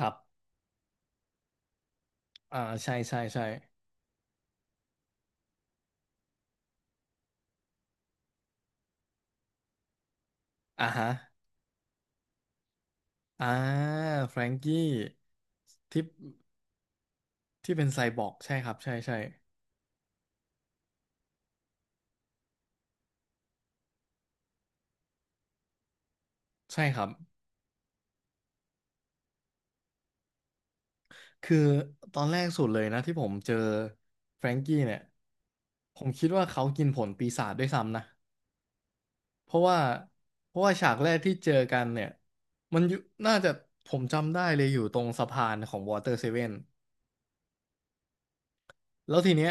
ครับอ่าใช่ ใช่ ใช่อ่าฮะอ่าแฟรงกี้ที่ที่เป็นไซบอร์กใช่ครับ ใช่ ใช่ ใช่ครับคือตอนแรกสุดเลยนะที่ผมเจอแฟรงกี้เนี่ย ผมคิดว่าเขากินผลปีศาจด้วยซ้ำนะเพราะว่าเพราะว่าฉากแรกที่เจอกันเนี่ย มันอยู่น่าจะผมจำได้เลยอยู่ตรงสะพานของวอเตอร์เซเว่น แล้วทีเนี้ย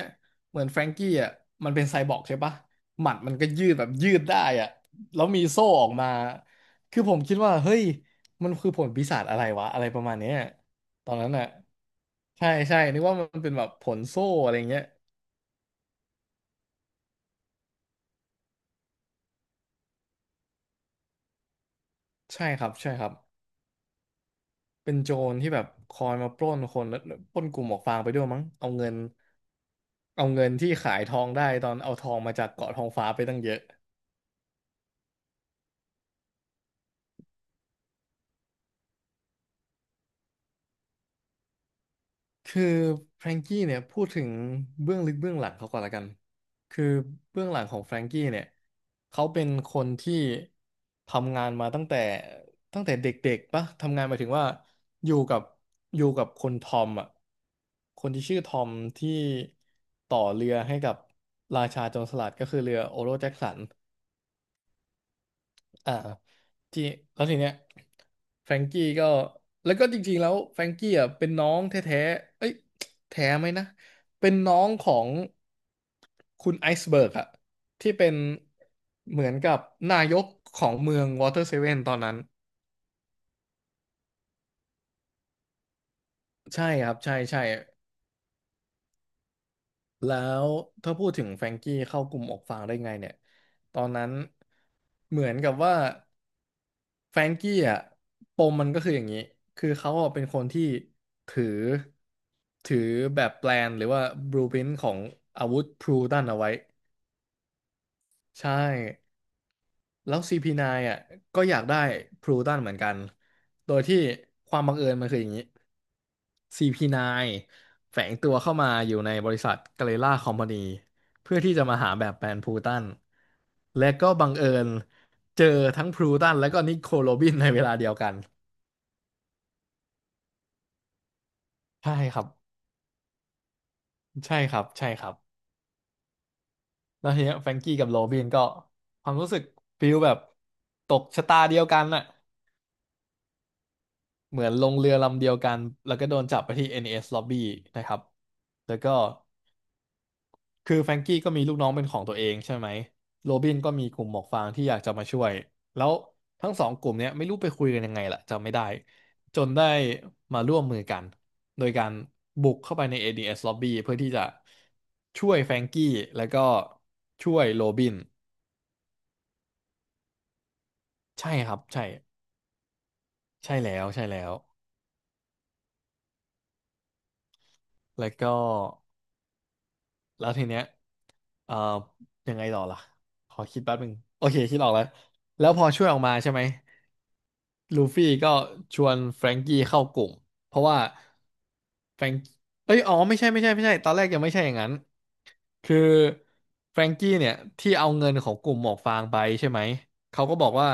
เหมือนแฟรงกี้อ่ะมันเป็นไซบอร์กใช่ปะหมัดมันก็ยืดแบบยืดได้อ่ะแล้วมีโซ่ออกมาคือผมคิดว่าเฮ้ยมันคือผลปีศาจอะไรวะอะไรประมาณเนี้ยตอนนั้นอ่ะใช่ใช่นึกว่ามันเป็นแบบผลโซ่อะไรเงี้ยใช่ครับใช่ครับเป็นโจรที่แบบคอยมาปล้นคนแล้วปล้นกลุ่มหมวกฟางไปด้วยมั้งเอาเงินเอาเงินที่ขายทองได้ตอนเอาทองมาจากเกาะทองฟ้าไปตั้งเยอะ คือแฟรงกี้เนี่ยพูดถึงเบื้องลึกเบื้องหลังเขาก่อนละกันคือเบื้องหลังของแฟรงกี้เนี่ยเขาเป็นคนที่ทำงานมาตั้งแต่ตั้งแต่เด็กๆปะทำงานหมายถึงว่าอยู่กับอยู่กับคนทอมอ่ะคนที่ชื่อทอมที่ต่อเรือให้กับราชาโจรสลัดก็คือเรือโอโรแจ็คสัน อ่าที่แล้วทีเนี้ยแฟรงกี้ก็แล้วก็จริงๆแล้วแฟรงกี้อ่ะเป็นน้องแท้ๆเอ้ยแท้ไหมนะเป็นน้องของคุณไอซ์เบิร์กอะที่เป็นเหมือนกับนายกของเมืองวอเตอร์เซเว่นตอนนั้นใช่ครับใช่ใช่แล้วถ้าพูดถึงแฟรงกี้เข้ากลุ่มออกฟางได้ไงเนี่ยตอนนั้นเหมือนกับว่า แฟรงกี้อ่ะปมมันก็คืออย่างนี้คือเขาอะเป็นคนที่ถือถือแบบแปลนหรือว่าบลูพรินท์ของอาวุธพลูตันเอาไว้ใช่แล้ว CP9 อ่ะก็อยากได้พลูตันเหมือนกันโดยที่ความบังเอิญมันคืออย่างนี้ CP9 แฝงตัวเข้ามาอยู่ในบริษัทกาเลล่าคอมพานีเพื่อที่จะมาหาแบบแปลนพลูตันและก็บังเอิญเจอทั้งพลูตันและก็นิโคลโรบินในเวลาเดียวกัน ใช่ครับใช่ครับ ใช่ครับ แล้วทีเนี้ยแฟรงกี้กับโรบินก็ความรู้สึกฟิลแบบตกชะตาเดียวกันน่ะเหมือนลงเรือลำเดียวกัน แล้วก็โดนจับไปที่ NES Lobby นะครับ แล้วก็ คือแฟรงกี้ก็มีลูกน้องเป็นของตัวเองใช่ไหมโรบินก็มีกลุ่มหมวกฟางที่อยากจะมาช่วยแล้วทั้งสองกลุ่มเนี้ยไม่รู้ไปคุยกันยังไงล่ะจำไม่ได้จนได้มาร่วมมือกันโดยการบุกเข้าไปใน ADS Lobby เพื่อที่จะช่วยแฟรงกี้แล้วก็ช่วยโรบินใช่ครับใช่ใช่แล้วใช่แล้วแล้วก็ แล้วทีเนี้ยเอ่อยังไงต่อล่ะขอคิดแป๊บหนึ่งโอเคคิดออกแล้วแล้วพอช่วยออกมาใช่ไหมลูฟี่ก็ชวนแฟรงกี้เข้ากลุ่มเพราะว่าแฟรงเอ้ยอ๋อไม่ใช่ตอนแรกยังไม่ใช่อย่างนั้นคือแฟรงกี้เนี่ยที่เอาเงินของกลุ่มหมวกฟางไปใช่ไหมเขาก็บอกว่า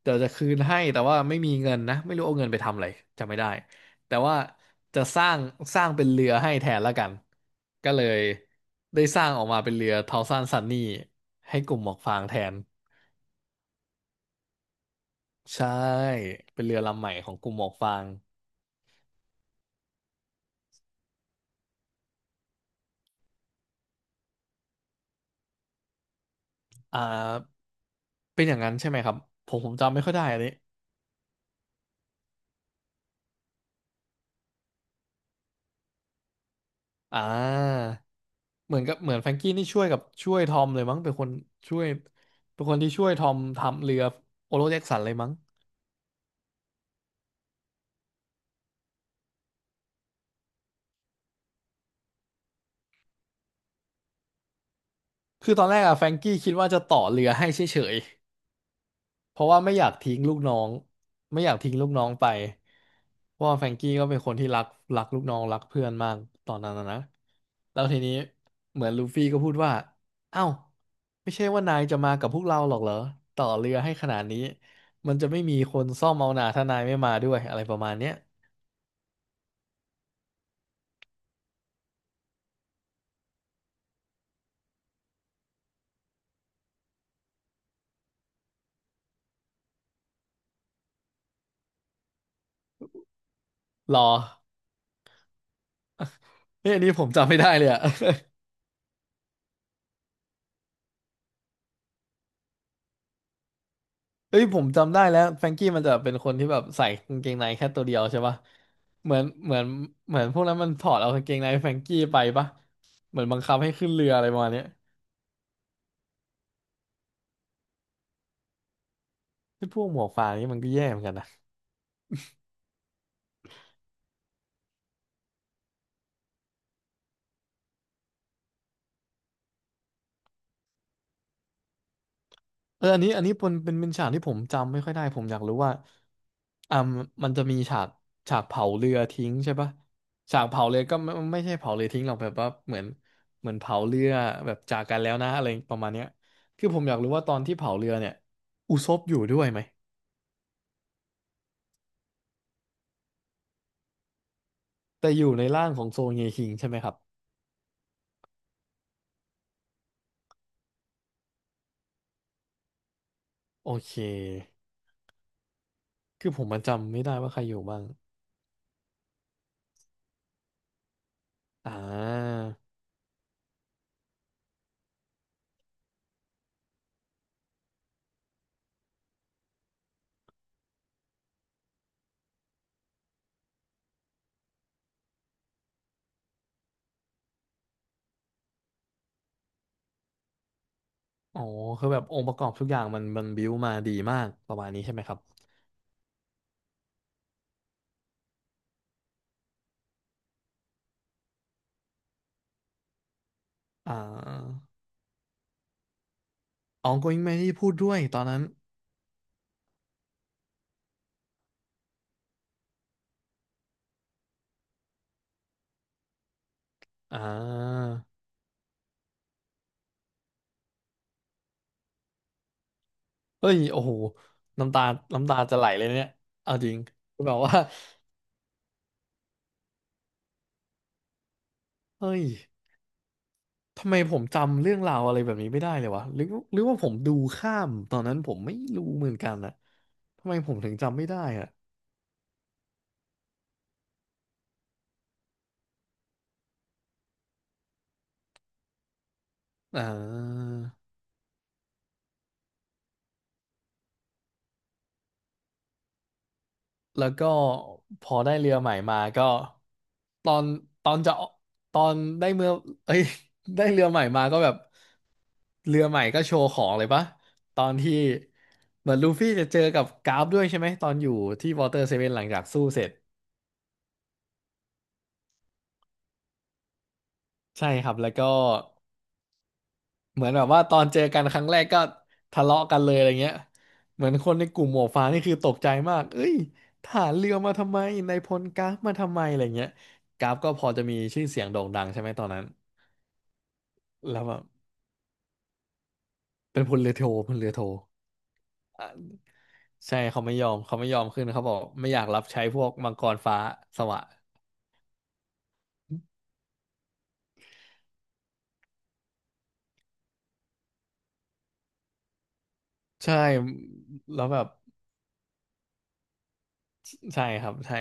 เดี๋ยวจะคืนให้แต่ว่าไม่มีเงินนะไม่รู้เอาเงินไปทำอะไรจำไม่ได้ แต่ว่าจะสร้างเป็นเรือให้แทนละกันก็เลยได้สร้างออกมาเป็นเรือทาวซันซันนี่ให้กลุ่มหมวกฟางแทนใช่เป็นเรือลำใหม่ของกลุ่มหมวกฟางอ่าเป็นอย่างนั้นใช่ไหมครับผมจำไม่ค่อยได้อันนี้อ่าเหมือนกับเหมือนแฟรงกี้นี่ช่วยกับช่วยทอมเลยมั้งเป็นคนช่วยเป็นคนที่ช่วยทอมทำเรือโอโรเจ็กสันเลยมั้งคือตอนแรกอะแฟรงกี้คิดว่าจะต่อเรือให้เฉย เพราะว่าไม่อยากทิ้งลูกน้องไม่อยากทิ้งลูกน้องไปเพราะว่าแฟรงกี้ก็เป็นคนที่รักรักลูกน้องรักเพื่อนมากตอนนั้นนะนะแล้วทีนี้เหมือนลูฟี่ก็พูดว่าเอ้าไม่ใช่ว่านายจะมากับพวกเราหรอกเหรอต่อเรือให้ขนาดนี้มันจะไม่มีคนซ่อมเอาหนาถ้านายไม่มาด้วยอะไรประมาณเนี้ยรอเฮ้ยอันนี้ผมจำไม่ได้เลยอะ เอ้ยผมจำได้แล้วแฟรงกี้มันจะเป็นคนที่แบบใส่กางเกงในแค่ตัวเดียวใช่ปะเหมือนเหมือนเหมือนพวกนั้นมันถอดเอากางเกงในแฟรงกี้ไปปะเหมือนบังคับให้ขึ้นเรืออะไรประมาณเนี้ยไอ้พวกหมวกฟางนี่มันก็แย่เหมือนกันนะเอออันนี้อันนี้เป็นฉากที่ผมจำไม่ค่อยได้ผมอยากรู้ว่าอ่ามันจะมีฉากฉากเผาเรือทิ้งใช่ปะฉากเผาเรือก็ไม่ใช่เผาเรือทิ้งหรอกแบบว่าเหมือนเผาเรือแบบจากกันแล้วนะอะไรประมาณเนี้ยคือผมอยากรู้ว่าตอนที่เผาเรือเนี่ยอุซบอยู่ด้วยไหม แต่อยู่ในร่างของโซเงคิงใช่ไหมครับโอเคคือผมมันจำไม่ได้ว่าใครอยู่บ้างอ่าอ๋อคือแบบองค์ประกอบทุกอย่างมันบิวมาดีมากประมาณนี้ใช่ไหมครับอ่าอ๋อ Going Man ที่พูดด้วยตอนนั้นอ่าเฮ้ยโอ้โหน้ำตาน้ำตาจะไหลเลยเนี่ยเอาจริงคือแบบว่าเฮ้ยทำไมผมจำเรื่องราวอะไรแบบนี้ไม่ได้เลยวะหรือหรือว่าผมดูข้ามตอนนั้นผมไม่รู้เหมือนกันนะทำไมผมถึงจำไม่ได้อะอ่า แล้วก็พอได้เรือใหม่มาก็ตอนตอนจะตอนได้เมื่อเอ้ย ได้เรือใหม่มาก็แบบเรือใหม่ก็โชว์ของเลยปะตอนที่เหมือนลูฟี่จะเจอกับกราฟด้วยใช่ไหมตอนอยู่ที่วอเตอร์เซเว่นหลังจากสู้เสร็จใช่ครับแล้วก็ เหมือนแบบว่าตอนเจอกันครั้งแรกก็ทะเลาะกันเลยอะไรเงี้ยเหมือนคนในกลุ่มหมวกฟางนี่คือตกใจมากเอ้ยทหารเรือมาทำไมนายพลกราฟมาทำไมอะไรเงี้ยกราฟก็พอจะมีชื่อเสียงโด่งดังใช่ไหมตอนนั้นแล้วแบบเป็นพลเรือโทอ่ะใช่เขาไม่ยอมขึ้นเขาบอกไม่อยากรับใช้พวกมังกรฟ้าสวะใช่แล้วแบบใช่ครับใช่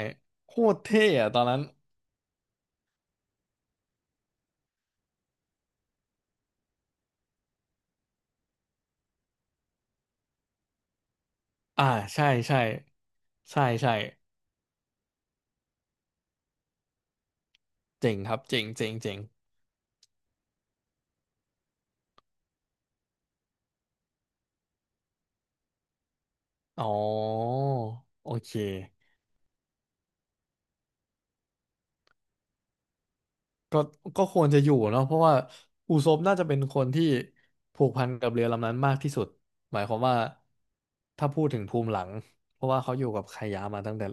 โคตรเท่อะตอนนั้นอ่าใช่ใช่ใช่ใช่เจ๋งครับเจ๋งเจ๋งเจ๋ง อ๋อโอเคก็ก็ควรจะอยู่เนาะเพราะว่าอูซบน่าจะเป็นคนที่ผูกพันกับเรือลำนั้นมากที่สุดหมายความว่าถ้าพูดถึงภูมิหลังเพราะว่าเขาอยู่กับไคยามาตั้งแต่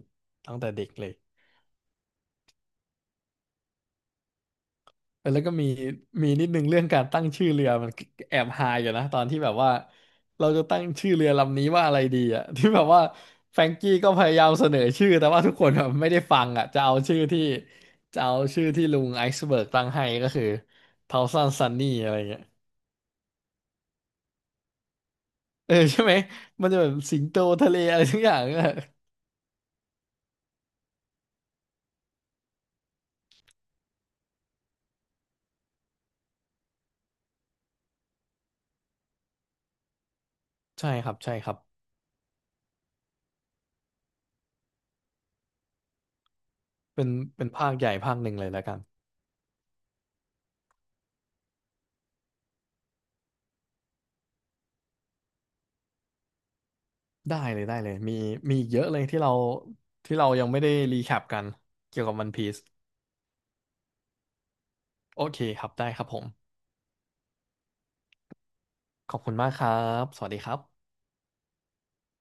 ตั้งแต่เด็กเลย เออแล้วก็มีมีนิดนึงเรื่องการตั้งชื่อเรือมันแอบฮาอยู่นะตอนที่แบบว่าเราจะตั้งชื่อเรือลำนี้ว่าอะไรดีอ่ะ ที่แบบว่าแฟรงกี้ก็พยายามเสนอชื่อแต่ว่าทุกคนแบบไม่ได้ฟังอ่ะจะเอาชื่อที่จะเอาชื่อที่ลุงไอซ์เบิร์กตั้งให้ก็คือเทาซันซันนี่อะไรเงี้ยเออใช่ไหมมันจะแบบสิงโตทะเลอะไรทุกอย่าง เออใช่ครับใช่ครับเป็นเป็นภาคใหญ่ภาคหนึ่งเลยแล้วกันได้เลยได้เลยมีมีอีกเยอะเลยที่เราที่เรายังไม่ได้รีแคปกันเกี่ยวกับวันพีซ โอเคครับ ได้ครับผม ขอบคุณมากครับ สวัสดีครับ